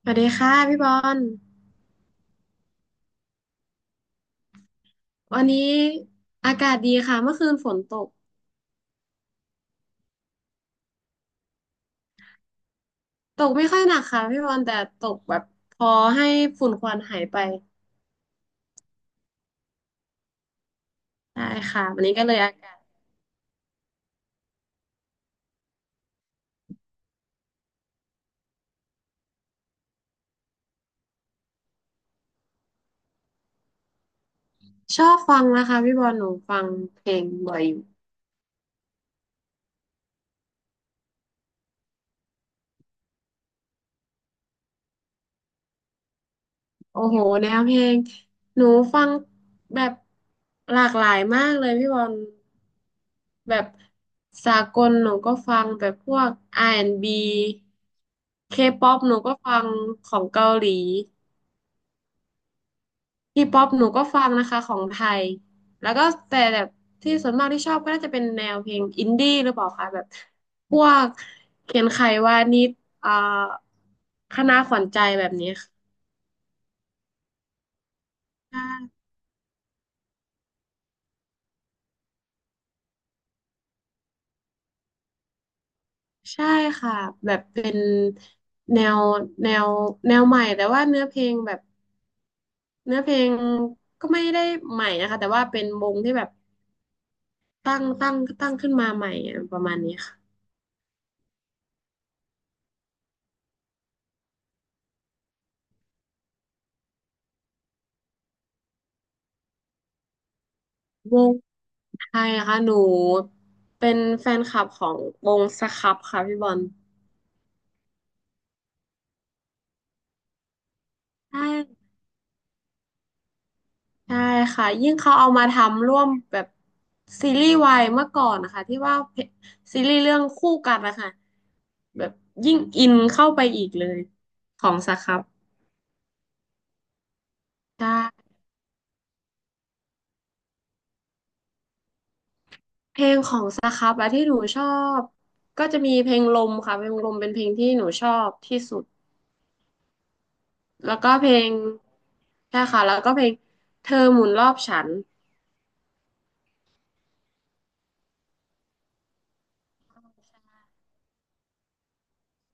สวัสดีค่ะพี่บอลวันนี้อากาศดีค่ะเมื่อคืนฝนตกตกไม่ค่อยหนักค่ะพี่บอลแต่ตกแบบพอให้ฝุ่นควันหายไปได้ค่ะวันนี้ก็เลยอากาศชอบฟังนะคะพี่บอลหนูฟังเพลงบ่อยอยู่โอ้โหแนวเพลงหนูฟังแบบหลากหลายมากเลยพี่บอลแบบสากลหนูก็ฟังแบบพวก R&B K-pop หนูก็ฟังของเกาหลี ทีป๊อปหนูก็ฟังนะคะของไทยแล้วก็แต่แบบที่ส่วนมากที่ชอบก็น่าจะเป็นแนวเพลงอินดี้หรือเปล่าคะแบบพวกเขียนไขวานิชอ่าคณะขวัญใจแบบนี้ค่ะใช่ค่ะแบบเป็นแนวแนวแนวใหม่แต่ว่าเนื้อเพลงแบบเนื้อเพลงก็ไม่ได้ใหม่นะคะแต่ว่าเป็นวงที่แบบตั้งขึ้นมาใหม่อะประมาณนี้ค่ะ วงไทยนะคะหนูเป็นแฟนคลับของวงสครับค่ะพี่บอลใช่ใช่ค่ะยิ่งเขาเอามาทำร่วมแบบซีรีส์วายเมื่อก่อนนะคะที่ว่าเพซีรีส์เรื่องคู่กันนะคะแบบยิ่งอินเข้าไปอีกเลยของสครับใช่เพลงของสครับอะที่หนูชอบก็จะมีเพลงลมค่ะเพลงลมเป็นเพลงที่หนูชอบที่สุดแล้วก็เพลงใช่ค่ะแล้วก็เพลงเธอหมุนรอบฉัน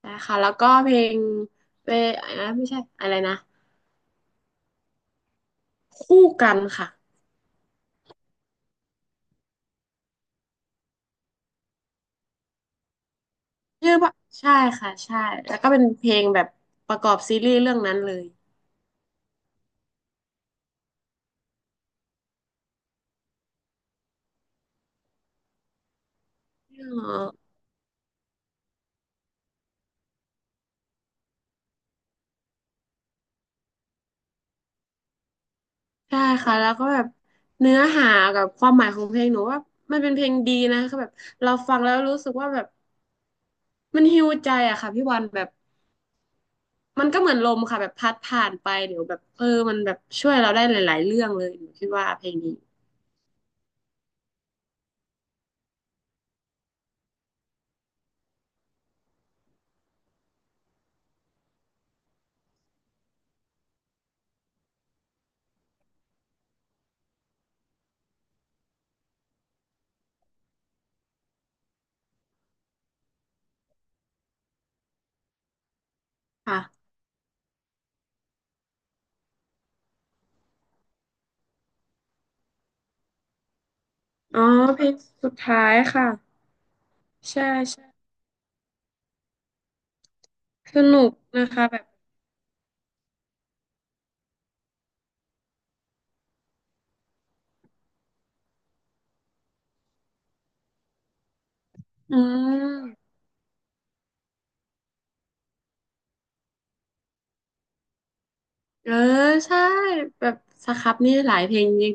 นะคะแล้วก็เพลงเปอะไรนะไม่ใช่อะไรนะคู่กันค่ะชื่อว่าใช่ค่ะใช่แล้วก็เป็นเพลงแบบประกอบซีรีส์เรื่องนั้นเลยอ๋อใช่ค่ะแล้วก็แบบเนื้อหากับความหมายของเพลงหนูว่ามันเป็นเพลงดีนะคือแบบเราฟังแล้วรู้สึกว่าแบบมันฮีลใจอะค่ะพี่วันแบบมันก็เหมือนลมค่ะแบบพัดผ่านไปเดี๋ยวแบบเออมันแบบช่วยเราได้หลายๆเรื่องเลยหนูคิดว่าเพลงนี้ค่ะอ๋อเพลงสุดท้ายค่ะใช่ สนุกนะคะแบบอืมเออใช่แบบสครับนี่หลายเพลงจริง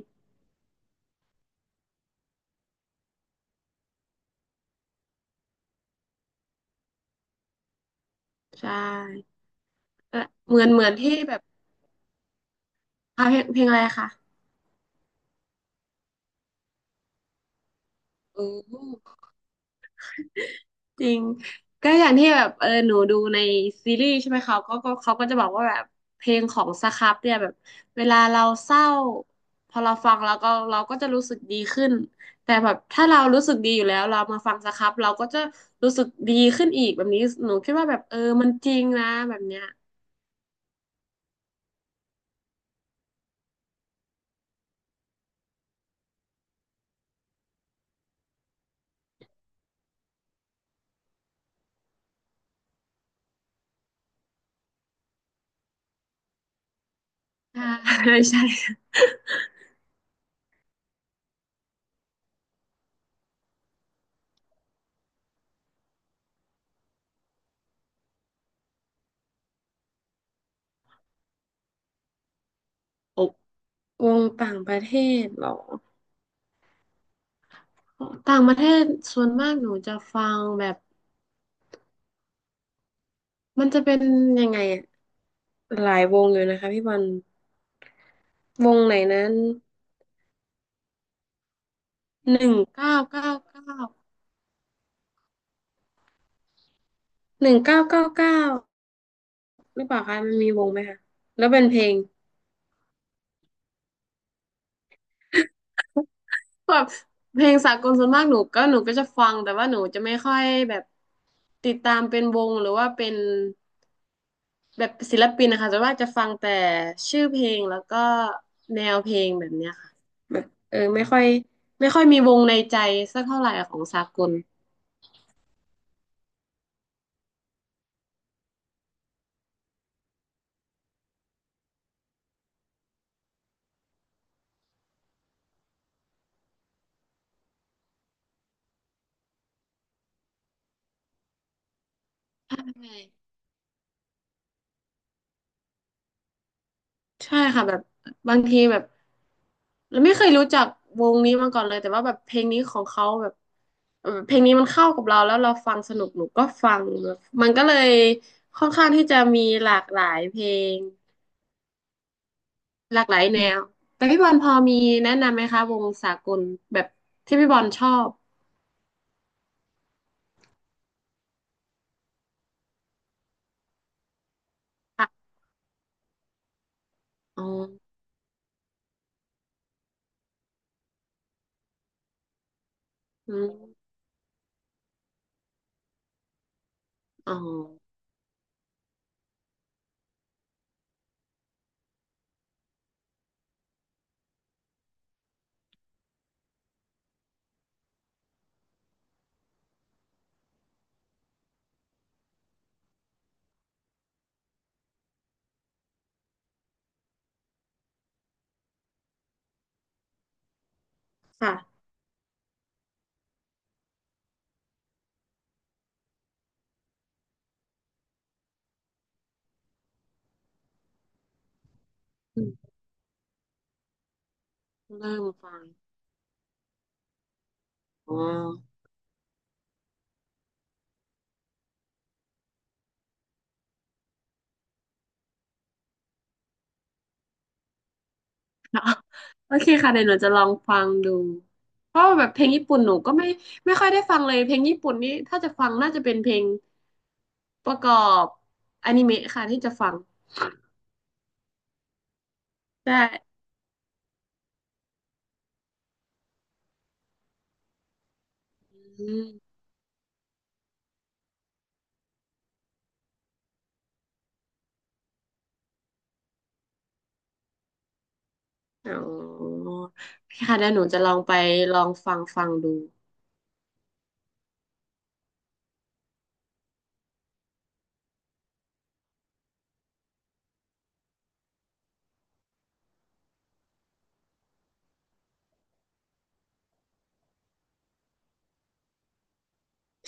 ใช่เออเหมือนเหมือนที่แบบอ่ะเพลงเพลงอะไรคะโอ้จริงก็อย่างที่แบบเออหนูดูในซีรีส์ใช่ไหมเขาก็ก็เขาก็จะบอกว่าแบบเพลงของสครับเนี่ยแบบเวลาเราเศร้าพอเราฟังแล้วก็เราก็จะรู้สึกดีขึ้นแต่แบบถ้าเรารู้สึกดีอยู่แล้วเรามาฟังสครับเราก็จะรู้สึกดีขึ้นอีกแบบนี้หนูคิดว่าแบบเออมันจริงนะแบบเนี้ย ใช่ ใช่โอบวงต่างประเทศเหรอต่างประเทศส่วนมากหนูจะฟังแบบมันจะเป็นยังไงอะหลายวงอยู่นะคะพี่บอลวงไหนนั้นหนึ่งเก้าเก้าเก้าหนึ่งเก้าเก้าเก้าหรือเปล่าคะมันมีวงไหมคะแล้วเป็นเพลงแบบเพลงสากลส่วนมากหนูก็หนูก็จะฟังแต่ว่าหนูจะไม่ค่อยแบบติดตามเป็นวงหรือว่าเป็น แบบศิลปินนะคะแต่ว่าจะฟังแต่ชื่อเพลงแล้วก็แนวเพลงแบบเนี้ยค่ะแบบเออไม่ค่อยมีวงในใจสักเท่าไหร่ของสากลใช่ใช่ค่ะแบบบางทีแบบเราไม่เคยรู้จักวงนี้มาก่อนเลยแต่ว่าแบบเพลงนี้ของเขาแบบเออเพลงนี้มันเข้ากับเราแล้วเราฟังสนุกหนูก็ฟังแบบมันก็เลยค่อนข้างที่จะมีหลากหลายเพลง หลากหลายแนวแต่พี่บอลพอมีแนะนำไหมคะวงสากลแบบที่พี่บอลชอบค่ะอ๋ออืมอ๋อค่ะอืมเริ่มฟังอ๋อ โอเคค่ะเดี๋ยวหนูจะลองฟังดู เพราะว่าแบบเพลงญี่ปุ่นหนูก็ไม่ไม่ค่อยได้ฟังเลยเพลงญี่ปุ่นนี่ถ้าจะฟังน่าจะเป็นเพลงประกอบอนิเมะค่ะที่จะฟังใช่อืมอ๋อพี่ค่ะเดี๋ยวหนูจะลองไปลองฟังฟังดู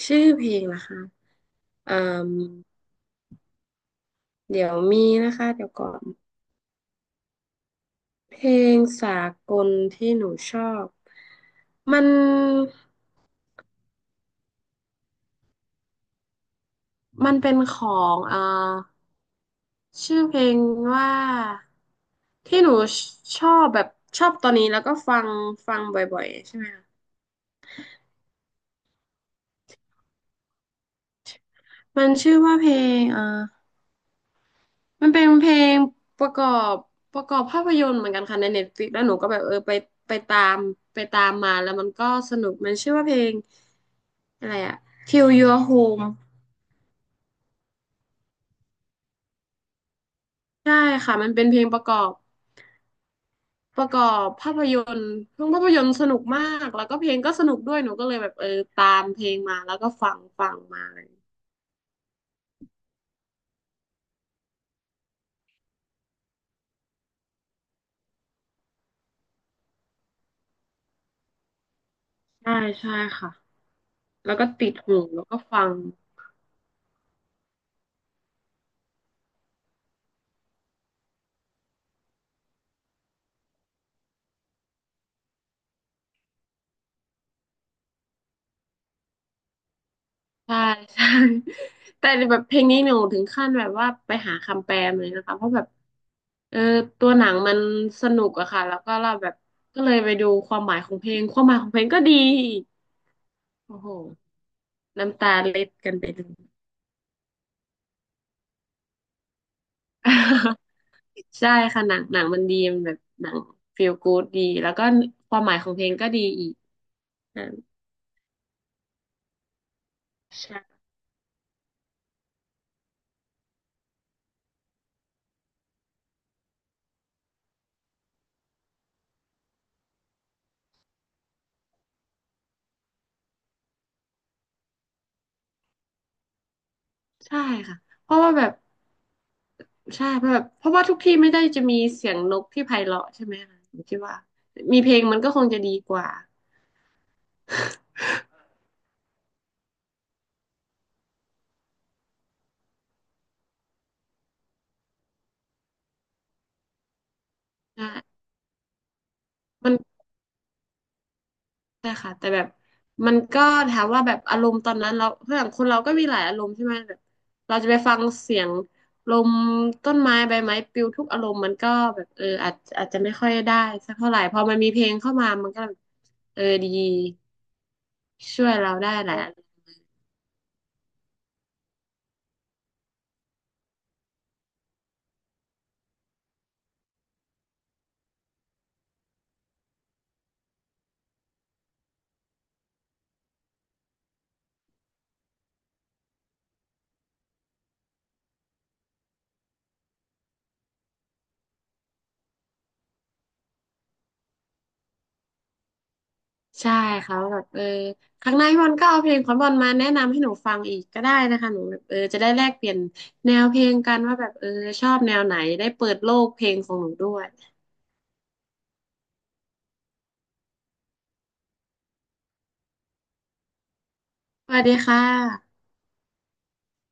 ชื่อเพลงนะคะเอ่อ เดี๋ยวมีนะคะเดี๋ยวก่อนเพลงสากลที่หนูชอบมันมันเป็นของชื่อเพลงว่าที่หนูชอบแบบชอบตอนนี้แล้วก็ฟังฟังบ่อยๆใช่ไหมคะมันชื่อว่าเพลงมันเป็นเพลงประกอบประกอบภาพยนตร์เหมือนกันค่ะในเน็ตฟลิกแล้วหนูก็แบบเออไปไปตามไปตามมาแล้วมันก็สนุกมันชื่อว่าเพลงอะไรอะ Kill Your Home ใช่ค่ะมันเป็นเพลงประกอบประกอบภาพยนตร์เพลงภาพยนตร์สนุกมากแล้วก็เพลงก็สนุกด้วยหนูก็เลยแบบเออตามเพลงมาแล้วก็ฟังฟังมาเลยใช่ใช่ค่ะแล้วก็ติดหูแล้วก็ฟังใช่ใช่ แต่แบบเพลงนี้หนูถึงขั้นแบบว่าไปหาคำแปลมาเลยนะคะเพราะแบบเออตัวหนังมันสนุกอะค่ะแล้วก็เราแบบก็เลยไปดูความหมายของเพลงความหมายของเพลงก็ดีอีกโอ้โหน้ำตาเล็ดกันไปเลย ใช่ค่ะหนังหนังมันดีมันแบบหนัง Feel Good ดีแล้วก็ความหมายของเพลงก็ดีอีกนะใช่ใช่ค่ะเพราะว่าแบบใช่เพราะแบบเพราะว่าทุกที่ไม่ได้จะมีเสียงนกที่ไพเราะใช่ไหมคะผมคิดว่ามีเพลงมันก็คงจะดีกว่าใช่ ใช่ค่ะแต่แบบมันก็ถามว่าแบบอารมณ์ตอนนั้นเราเพื่อนคนเราก็มีหลายอารมณ์ใช่ไหมแบบเราจะไปฟังเสียงลมต้นไม้ใบไม้ปลิวทุกอารมณ์มันก็แบบเอออาจจะไม่ค่อยได้สักเท่าไหร่พอมันมีเพลงเข้ามามันก็แบบเออดีช่วยเราได้หลายอารมณ์ใช่ค่ะว่าแบบเออครั้งหน้าพี่บอลก็เอาเพลงของบอลมาแนะนำให้หนูฟังอีกก็ได้นะคะหนูแบบเออจะได้แลกเปลี่ยนแนวเพลงกันว่าแบบเออชอบแนวไหนได้เปิดโลกเพลงของหนูด้วยสวัสดีค่ะ